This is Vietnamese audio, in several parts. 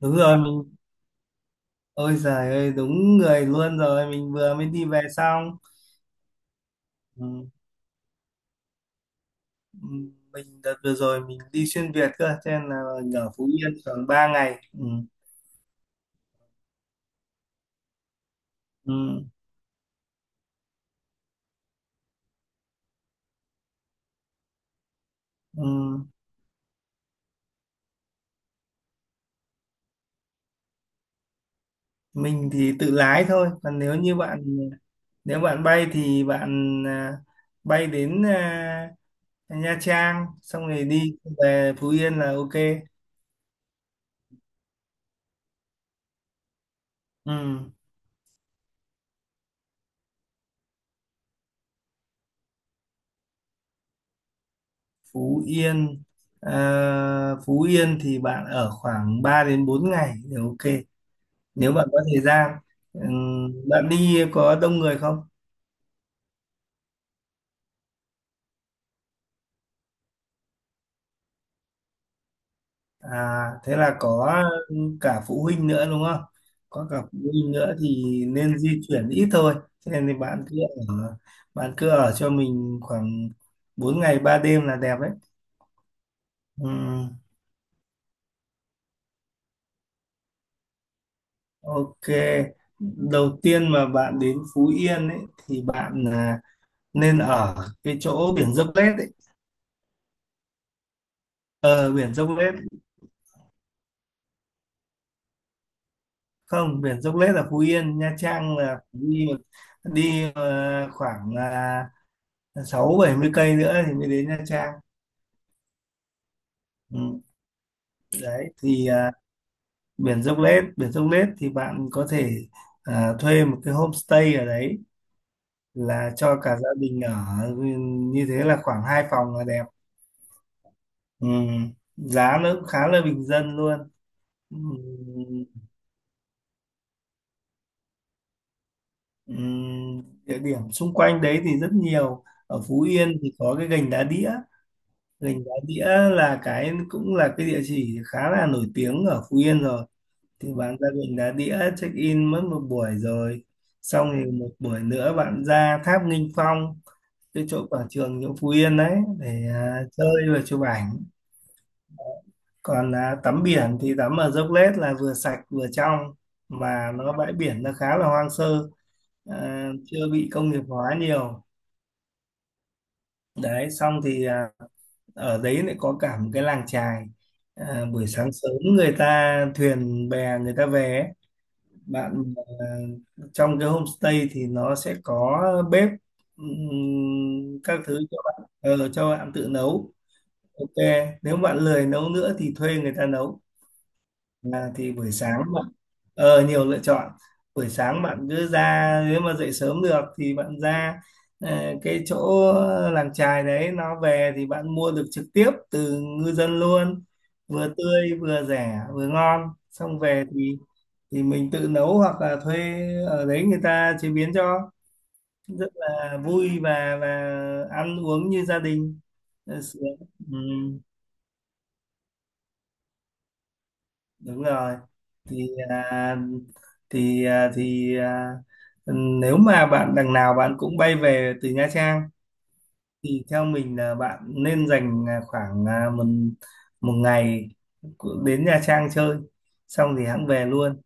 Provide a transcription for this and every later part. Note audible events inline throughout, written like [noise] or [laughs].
Đúng rồi. Ôi giời ơi, đúng người luôn rồi. Mình vừa mới đi về xong. Ừ. Ừ, mình đợt vừa rồi mình đi xuyên Việt cơ, cho nên là mình ở Phú Yên khoảng 3 ngày. Ừ. Ừ. Ừ. Mình thì tự lái thôi, còn nếu bạn bay thì bạn à, bay đến à, Nha Trang xong rồi đi về Phú Yên là ok. Ừ. Phú Yên Phú Yên thì bạn ở khoảng 3 đến 4 ngày thì ok, nếu bạn có thời gian. Bạn đi có đông người không? À, thế là có cả phụ huynh nữa đúng không? Có cả phụ huynh nữa thì nên di chuyển ít thôi. Thế nên thì ở bạn cứ ở cho mình khoảng 4 ngày 3 đêm là đẹp đấy. Ừm, ok. Đầu tiên mà bạn đến Phú Yên ấy thì bạn à, nên ở cái chỗ biển Dốc Lết ấy. Ờ, biển Dốc Lết. Không, biển Dốc Lết là Phú Yên, Nha Trang là phải đi, đi khoảng sáu bảy mươi cây nữa thì mới đến Nha Trang. Ừ. Đấy thì biển Dốc Lết thì bạn có thể thuê một cái homestay ở đấy là cho cả gia đình ở, như thế là khoảng hai phòng là đẹp. Ừ, giá nó cũng khá là bình dân luôn. Ừ. Ừ. Địa điểm xung quanh đấy thì rất nhiều, ở Phú Yên thì có cái gành đá đĩa. Gành Đá Đĩa là cái cũng là cái địa chỉ khá là nổi tiếng ở Phú Yên rồi, thì bạn ra Gành Đá Đĩa check in mất một buổi rồi, xong thì một buổi nữa bạn ra Tháp Nghinh Phong, cái chỗ quảng trường chỗ Phú Yên đấy để à, chơi và chụp ảnh. Còn à, tắm biển thì tắm ở Dốc Lết là vừa sạch vừa trong, mà nó bãi biển nó khá là hoang sơ, à, chưa bị công nghiệp hóa nhiều. Đấy xong thì à, ở đấy lại có cả một cái làng chài, à, buổi sáng sớm người ta thuyền bè người ta về ấy. Bạn à, trong cái homestay thì nó sẽ có bếp, các thứ cho bạn, cho bạn tự nấu. Ok, nếu bạn lười nấu nữa thì thuê người ta nấu. À, thì buổi sáng bạn, nhiều lựa chọn. Buổi sáng bạn cứ ra, nếu mà dậy sớm được thì bạn ra cái chỗ làng chài đấy nó về, thì bạn mua được trực tiếp từ ngư dân luôn, vừa tươi vừa rẻ vừa ngon. Xong về thì mình tự nấu hoặc là thuê ở đấy người ta chế biến cho, rất là vui và ăn uống như gia đình. Ờ, sướng. Ừ, đúng rồi. Thì à, thì à, thì à, nếu mà bạn đằng nào bạn cũng bay về từ Nha Trang thì theo mình là bạn nên dành à, khoảng à, một một ngày đến Nha Trang chơi, xong thì hẵng về luôn,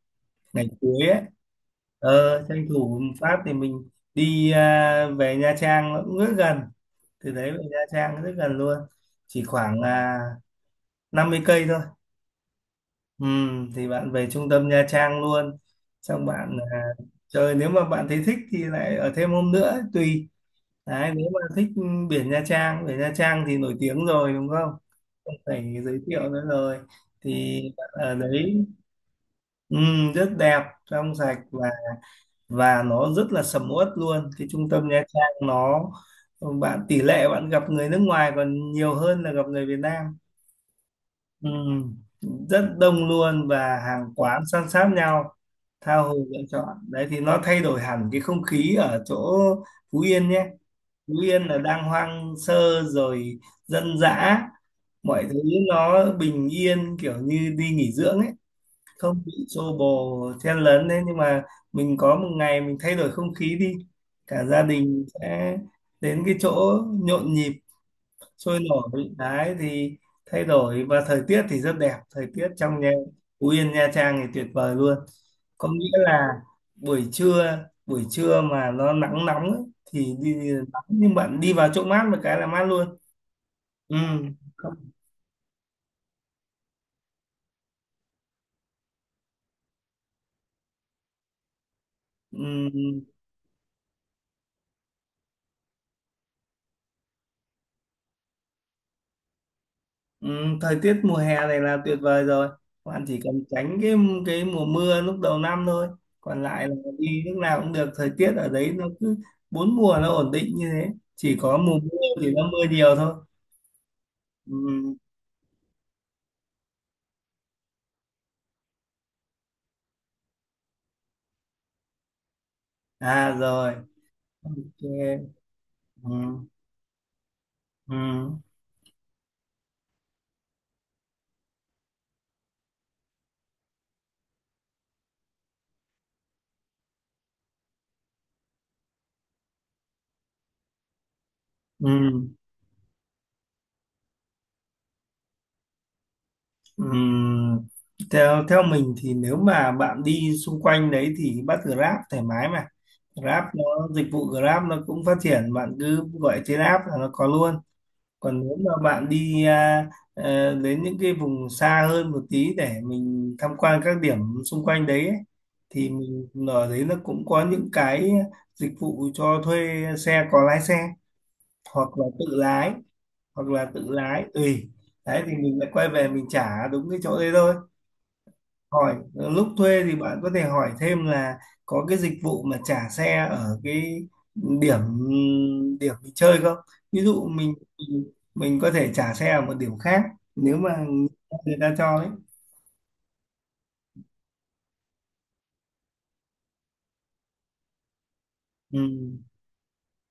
ngày cuối ấy. Ờ, tranh thủ một phát thì mình đi à, về Nha Trang nó cũng rất gần, từ đấy về Nha Trang rất gần luôn, chỉ khoảng à, 50 cây thôi. Ừ, thì bạn về trung tâm Nha Trang luôn, xong bạn à, chơi, nếu mà bạn thấy thích thì lại ở thêm hôm nữa tùy. Đấy, nếu mà thích ừ, biển Nha Trang thì nổi tiếng rồi đúng không, không phải giới thiệu nữa rồi. Thì bạn ở đấy ừ, rất đẹp, trong sạch, và nó rất là sầm uất luôn, cái trung tâm Nha Trang nó, bạn, tỷ lệ bạn gặp người nước ngoài còn nhiều hơn là gặp người Việt Nam. Ừ, rất đông luôn và hàng quán san sát nhau, tha hồ lựa chọn. Đấy thì nó thay đổi hẳn cái không khí ở chỗ Phú Yên nhé. Phú Yên là đang hoang sơ rồi, dân dã, mọi thứ nó bình yên kiểu như đi nghỉ dưỡng ấy, không bị xô bồ chen lấn. Đấy nhưng mà mình có một ngày mình thay đổi không khí đi, cả gia đình sẽ đến cái chỗ nhộn nhịp sôi nổi đấy thì thay đổi. Và thời tiết thì rất đẹp, thời tiết trong nhà Phú Yên Nha Trang thì tuyệt vời luôn. Có nghĩa là buổi trưa buổi trưa mà nó nắng nóng ấy, thì đi nắng nhưng bạn đi vào chỗ mát một cái là mát luôn. Ừ. không- ừ. Ừ, thời tiết mùa hè này là tuyệt vời rồi, bạn chỉ cần tránh cái mùa mưa lúc đầu năm thôi, còn lại là đi lúc nào cũng được. Thời tiết ở đấy nó cứ bốn mùa nó ổn định như thế, chỉ có mùa mưa thì nó mưa nhiều thôi. Ừ. À rồi. Ok. Ừ. Ừ. Ừ. Ừ. theo theo mình thì nếu mà bạn đi xung quanh đấy thì bắt Grab thoải mái mà, Grab nó, dịch vụ Grab nó cũng phát triển, bạn cứ gọi trên app là nó có luôn. Còn nếu mà bạn đi à, đến những cái vùng xa hơn một tí để mình tham quan các điểm xung quanh đấy ấy, thì mình ở đấy nó cũng có những cái dịch vụ cho thuê xe, có lái xe hoặc là tự lái, tùy. Đấy thì mình lại quay về mình trả đúng cái chỗ đấy thôi. Hỏi lúc thuê thì bạn có thể hỏi thêm là có cái dịch vụ mà trả xe ở cái điểm điểm mình chơi không. Ví dụ mình có thể trả xe ở một điểm khác, nếu mà người ta cho ấy. Ừ,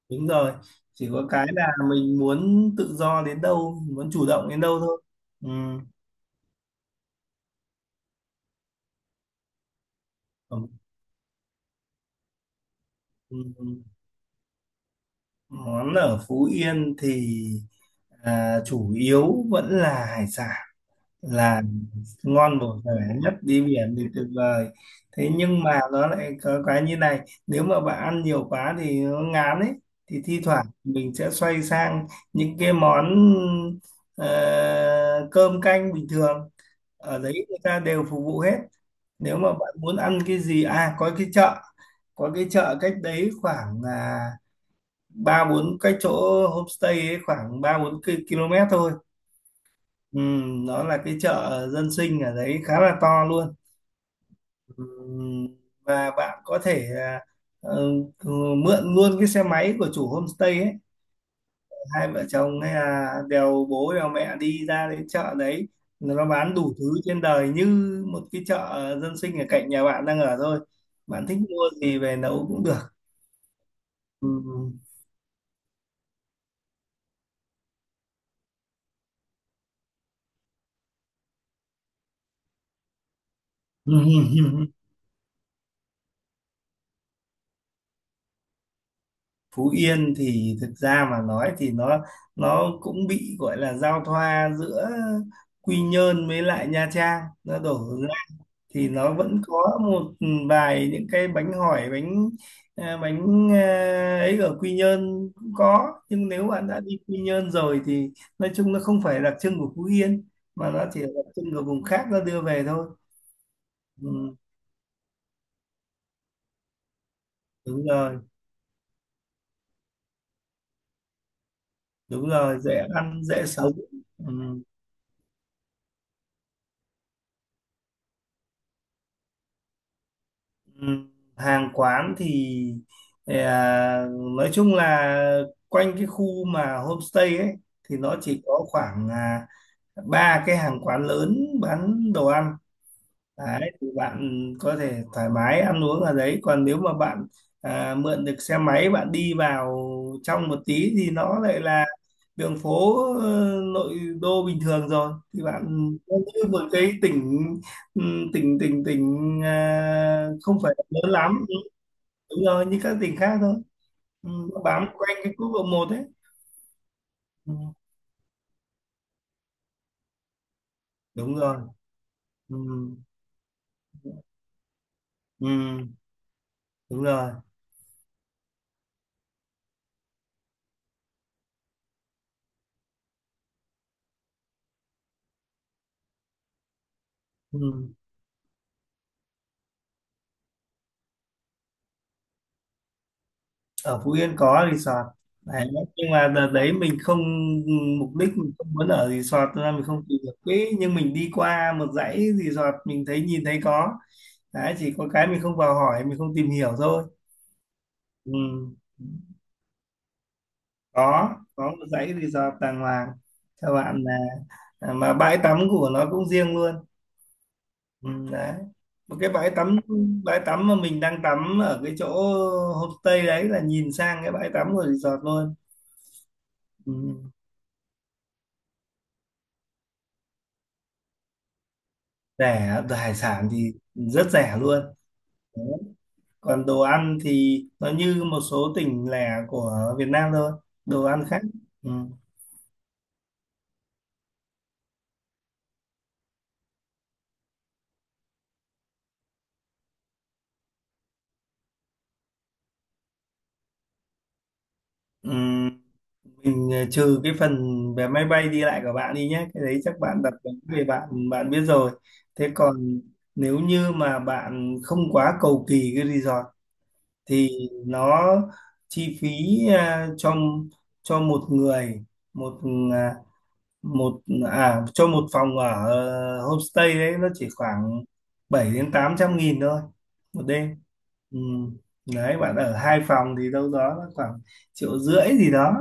đúng rồi, chỉ có cái là mình muốn tự do đến đâu, muốn chủ động đến đâu thôi. Ừ. Ừ, ừ. Món ở Phú Yên thì à, chủ yếu vẫn là hải sản, là ngon bổ rẻ nhất. Đi biển thì tuyệt vời. Thế nhưng mà nó lại có cái như này, nếu mà bạn ăn nhiều quá thì nó ngán ấy, thì thi thoảng mình sẽ xoay sang những cái món ờ, cơm canh bình thường, ở đấy người ta đều phục vụ hết. Nếu mà bạn muốn ăn cái gì, à, có cái chợ, cách đấy khoảng à, ba bốn cái chỗ homestay ấy, khoảng ba bốn km thôi. Ừ, nó là cái chợ dân sinh ở đấy khá là to luôn. Ừ, và bạn có thể à, ừ, mượn luôn cái xe máy của chủ homestay ấy, hai vợ chồng hay là đèo bố đèo mẹ đi ra đến chợ đấy, nó bán đủ thứ trên đời như một cái chợ dân sinh ở cạnh nhà bạn đang ở thôi. Bạn thích mua gì về nấu cũng được. Ừ. [laughs] Phú Yên thì thực ra mà nói thì nó cũng bị gọi là giao thoa giữa Quy Nhơn với lại Nha Trang nó đổ hướng ra, thì nó vẫn có một ừ, vài những cái bánh hỏi, bánh à, bánh à, ấy, ở Quy Nhơn cũng có. Nhưng nếu bạn đã đi Quy Nhơn rồi thì nói chung nó không phải đặc trưng của Phú Yên, mà nó chỉ là đặc trưng của vùng khác nó đưa về thôi. Ừ, đúng rồi. Đúng rồi, dễ ăn dễ sống. Ừ. Ừm, hàng quán thì ờ, nói chung là quanh cái khu mà homestay ấy thì nó chỉ có khoảng à, ba cái hàng quán lớn bán đồ ăn. Đấy thì bạn có thể thoải mái ăn uống ở đấy, còn nếu mà bạn à, mượn được xe máy bạn đi vào trong một tí thì nó lại là đường phố ờ, nội đô bình thường rồi, thì bạn, nó như một cái tỉnh, tỉnh, à, không phải là lớn lắm. Đúng rồi, như các tỉnh khác thôi. Ừ, nó bám quanh cái quốc lộ một ấy. Ừ, đúng rồi. Ừ, ừ, đúng rồi. Ừ. Ở Phú Yên có resort đấy. Nhưng mà đợt đấy mình không mục đích mình không muốn ở resort, cho nên mình không tìm được quỹ. Nhưng mình đi qua một dãy resort, mình thấy nhìn thấy có. Đấy, chỉ có cái mình không vào hỏi, mình không tìm hiểu thôi. Ừ. có có một dãy resort đàng hoàng cho bạn, là à, mà bãi tắm của nó cũng riêng luôn. Ừ, đấy, một cái bãi tắm mà mình đang tắm ở cái chỗ homestay đấy là nhìn sang cái bãi tắm của resort luôn. Ừ. Rẻ. Hải sản thì rất rẻ luôn đấy. Còn đồ ăn thì nó như một số tỉnh lẻ của Việt Nam thôi, đồ ăn khác. Ừ. Ừ. Mình ờ, trừ cái phần vé máy bay đi lại của bạn đi nhé, cái đấy chắc bạn đặt vé về bạn bạn biết rồi. Thế còn, nếu như mà bạn không quá cầu kỳ cái resort thì nó chi phí à, cho một người, một à, một à cho một phòng ở homestay đấy nó chỉ khoảng 700 đến 800 nghìn thôi, một đêm. Ừ, đấy bạn ở hai phòng thì đâu đó nó khoảng triệu rưỡi gì đó.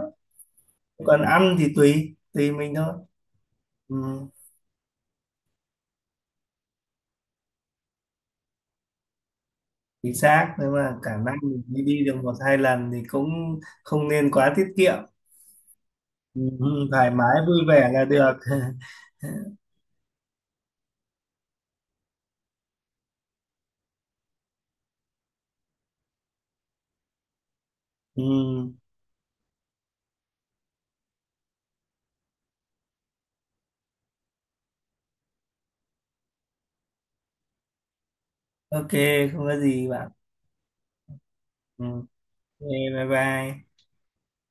Còn ăn thì tùy tùy mình thôi. Ừ. Chính xác, nếu mà cả năm mình đi đi được một hai lần thì cũng không nên quá tiết kiệm. Ừ. Thoải mái vui vẻ là được. [laughs] Ừ, ok, không có gì bạn. Ừ, ok, bye bye.